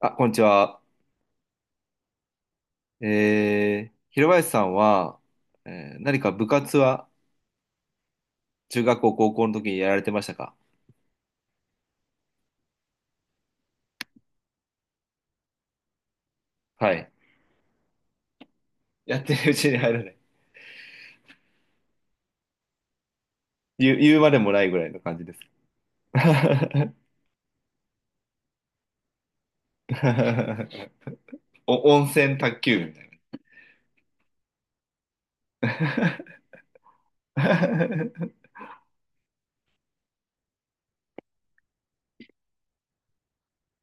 あ、こんにちは。広林さんは、何か部活は中学校、高校の時にやられてましたか？はい。やってるうちに入らない。言う、言うまでもないぐらいの感じです。お、温泉卓球みたいな。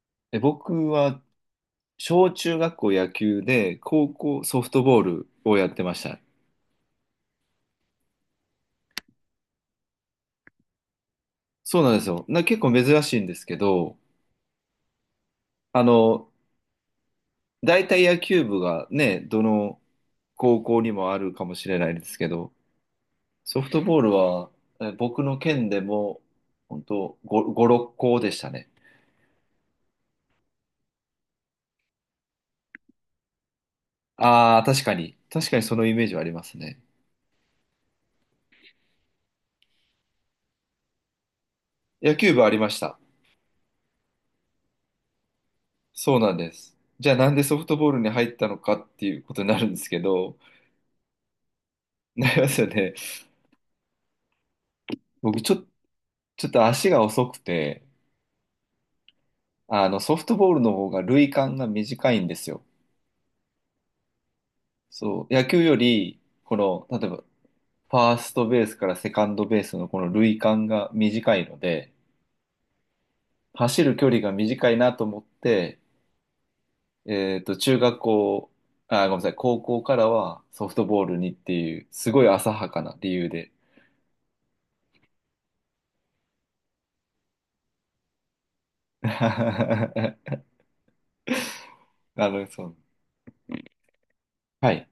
え、僕は小中学校野球で高校ソフトボールをやってました。そうなんですよ。な、結構珍しいんですけど、あの、大体野球部がね、どの高校にもあるかもしれないですけど、ソフトボールは、え僕の県でも、本当5、5、6校でしたね。ああ、確かに。確かにそのイメージはありますね。野球部ありました。そうなんです。じゃあなんでソフトボールに入ったのかっていうことになるんですけど、なりますよね。僕ちょ、ちょっと足が遅くて、あのソフトボールの方が塁間が短いんですよ。そう、野球より、この、例えばファーストベースからセカンドベースのこの塁間が短いので、走る距離が短いなと思って、えっと、中学校、あ、ごめんなさい、高校からはソフトボールにっていう、すごい浅はかな理由で。あの、そう。はい。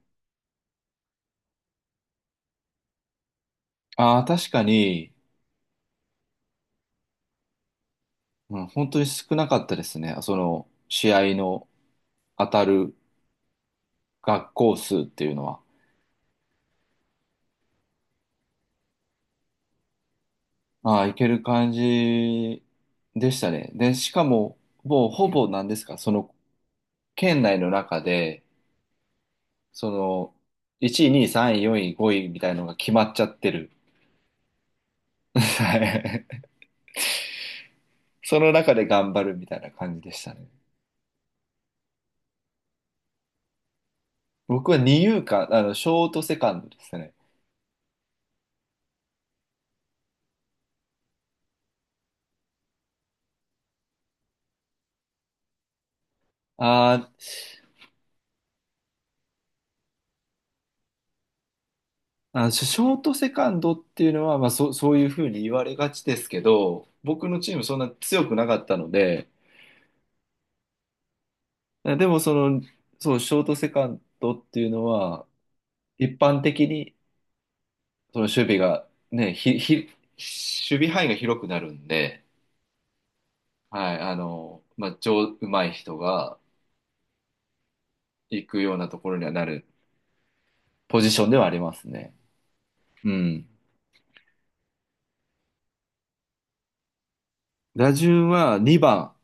ああ、確かに、うん、本当に少なかったですね。その、試合の当たる学校数っていうのは。ああ、いける感じでしたね。で、しかも、もうほぼ何ですか、その県内の中で、その、1位、2位、3位、4位、5位みたいのが決まっちゃってる。はい。その中で頑張るみたいな感じでしたね。僕は二遊間、あの、ショートセカンドですね。あー、あの、ショートセカンドっていうのは、まあ、そういうふうに言われがちですけど、僕のチームそんな強くなかったので、でもその、そう、ショートセカンドっていうのは、一般的に、その守備が、ね、守備範囲が広くなるんで、はい、あの、まあ、上手い人が行くようなところにはなるポジションではありますね。うん。打順は2番。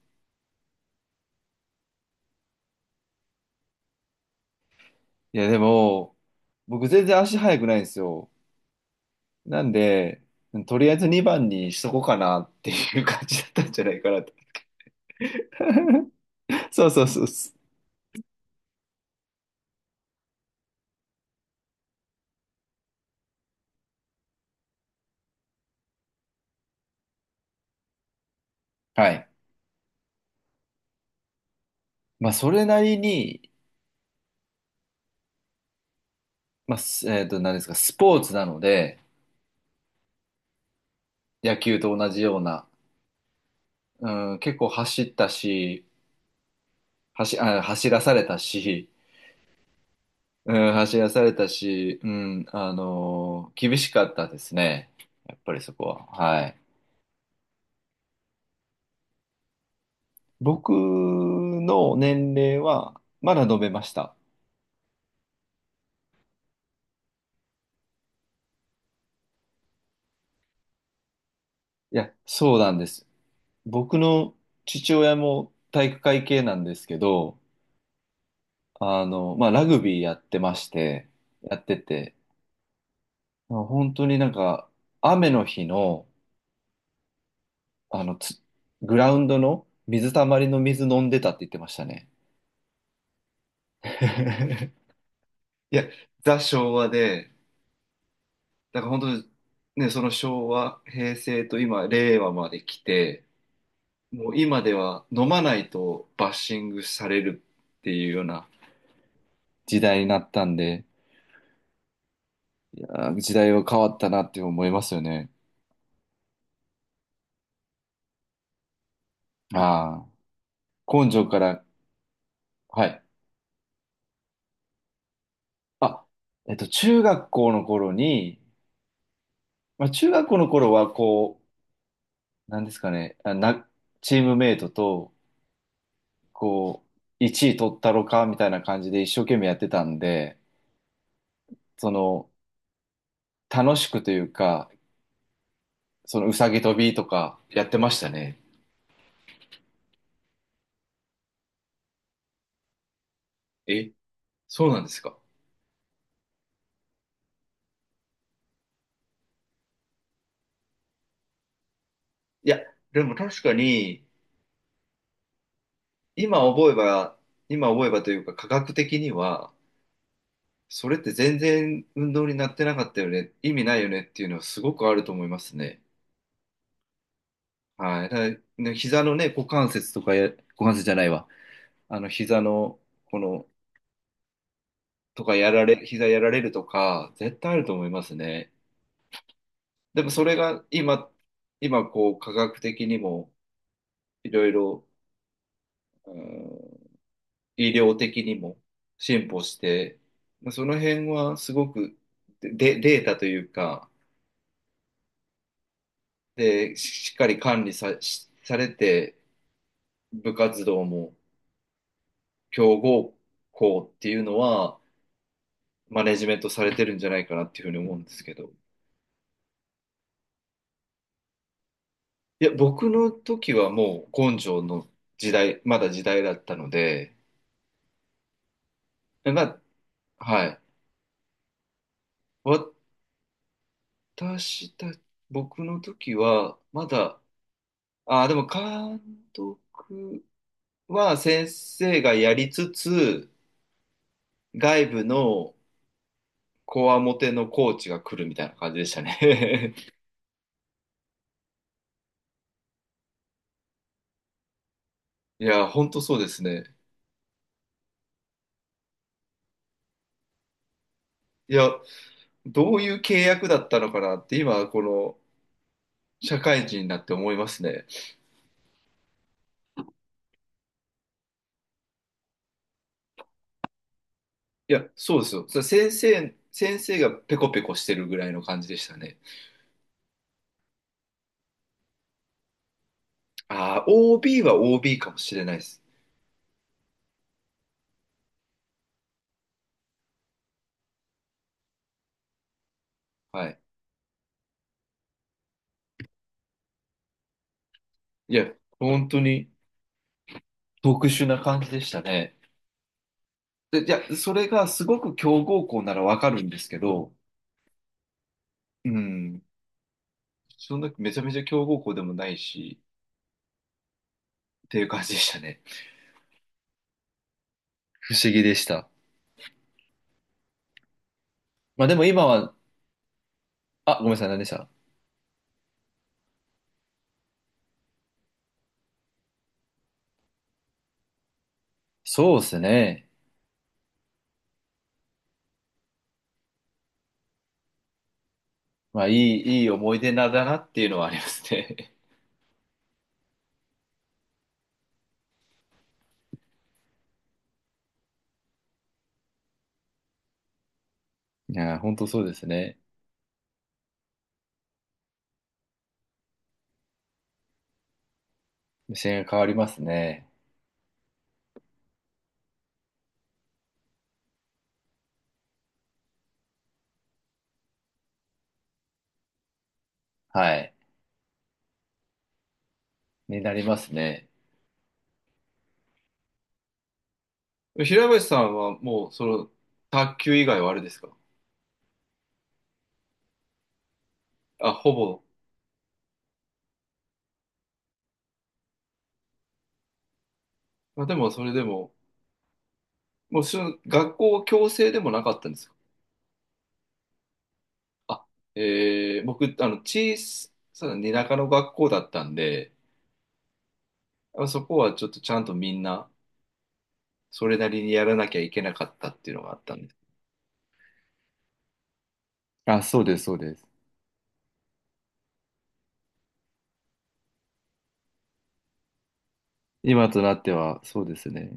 いや、でも、僕全然足速くないんですよ。なんで、とりあえず2番にしとこうかなっていう感じだったんじゃないかなと。そうそうそうそう。はい。まあ、それなりに、何ですか、スポーツなので、野球と同じような、うん、結構走ったし、走らされたし、うん、厳しかったですね。やっぱりそこは。はい。僕の年齢は、まだ飲めました。いや、そうなんです。僕の父親も体育会系なんですけど、あの、まあ、ラグビーやってまして、やってて、まあ本当になんか、雨の日の、あの、つグラウンドの水たまりの水飲んでたって言ってましたね。いや、ザ・昭和で、だから本当にね、その昭和、平成と今、令和まで来て、もう今では飲まないとバッシングされるっていうような時代になったんで、いやー、時代は変わったなって思いますよね。ああ、根性から、はい。あ、中学校の頃に、まあ、中学校の頃はこう、なんですかね、チームメイトと、こう、1位取ったろかみたいな感じで一生懸命やってたんで、その、楽しくというか、そのうさぎ跳びとかやってましたね。え、そうなんですか。いや、でも確かに、今覚えば、今覚えばというか、科学的には、それって全然運動になってなかったよね、意味ないよねっていうのはすごくあると思いますね。はい。だからね、膝のね、股関節とかや、股関節じゃないわ。あの、膝の、この、とかやられ、膝やられるとか、絶対あると思いますね。でもそれが今、今こう、科学的にも、いろいろ、うん、医療的にも進歩して、まあその辺はすごくで、データというか、で、ししっかり管理さ、しされて、部活動も強豪校っていうのは、マネジメントされてるんじゃないかなっていうふうに思うんですけど、いや、僕の時はもう根性の時代、まだ時代だったので、まあ、はい。私た、僕の時は、まだ、ああ、でも監督は先生がやりつつ、外部のこわもてのコーチが来るみたいな感じでしたね。いや、ほんとそうですね。いや、どういう契約だったのかなって今、この社会人になって思いますね。いや、そうですよ。それ先生がペコペコしてるぐらいの感じでしたね。ああ、OB は OB かもしれないです。はい。いや、本当に特殊な感じでしたね。で、じゃあ、それがすごく強豪校ならわかるんですけど、うん、そんなめちゃめちゃ強豪校でもないし、っていう感じでしたね。不思議でした。まあでも今は、あ、ごめんなさい、何でした？そうですね。まあ、いい思い出なんだなっていうのはありますね。いやー、本当そうですね。目線が変わりますね。はい。になりますね。平林さんはもう、その、卓球以外はあれですか？あ、ほぼ。まあ、でも、それでも、もう、その学校強制でもなかったんですか？あ、えー、僕、あの、小さな田舎の学校だったんで、あそこはちょっとちゃんとみんな、それなりにやらなきゃいけなかったっていうのがあったんです。あ、そうです、そうです。今となっては、そうですね。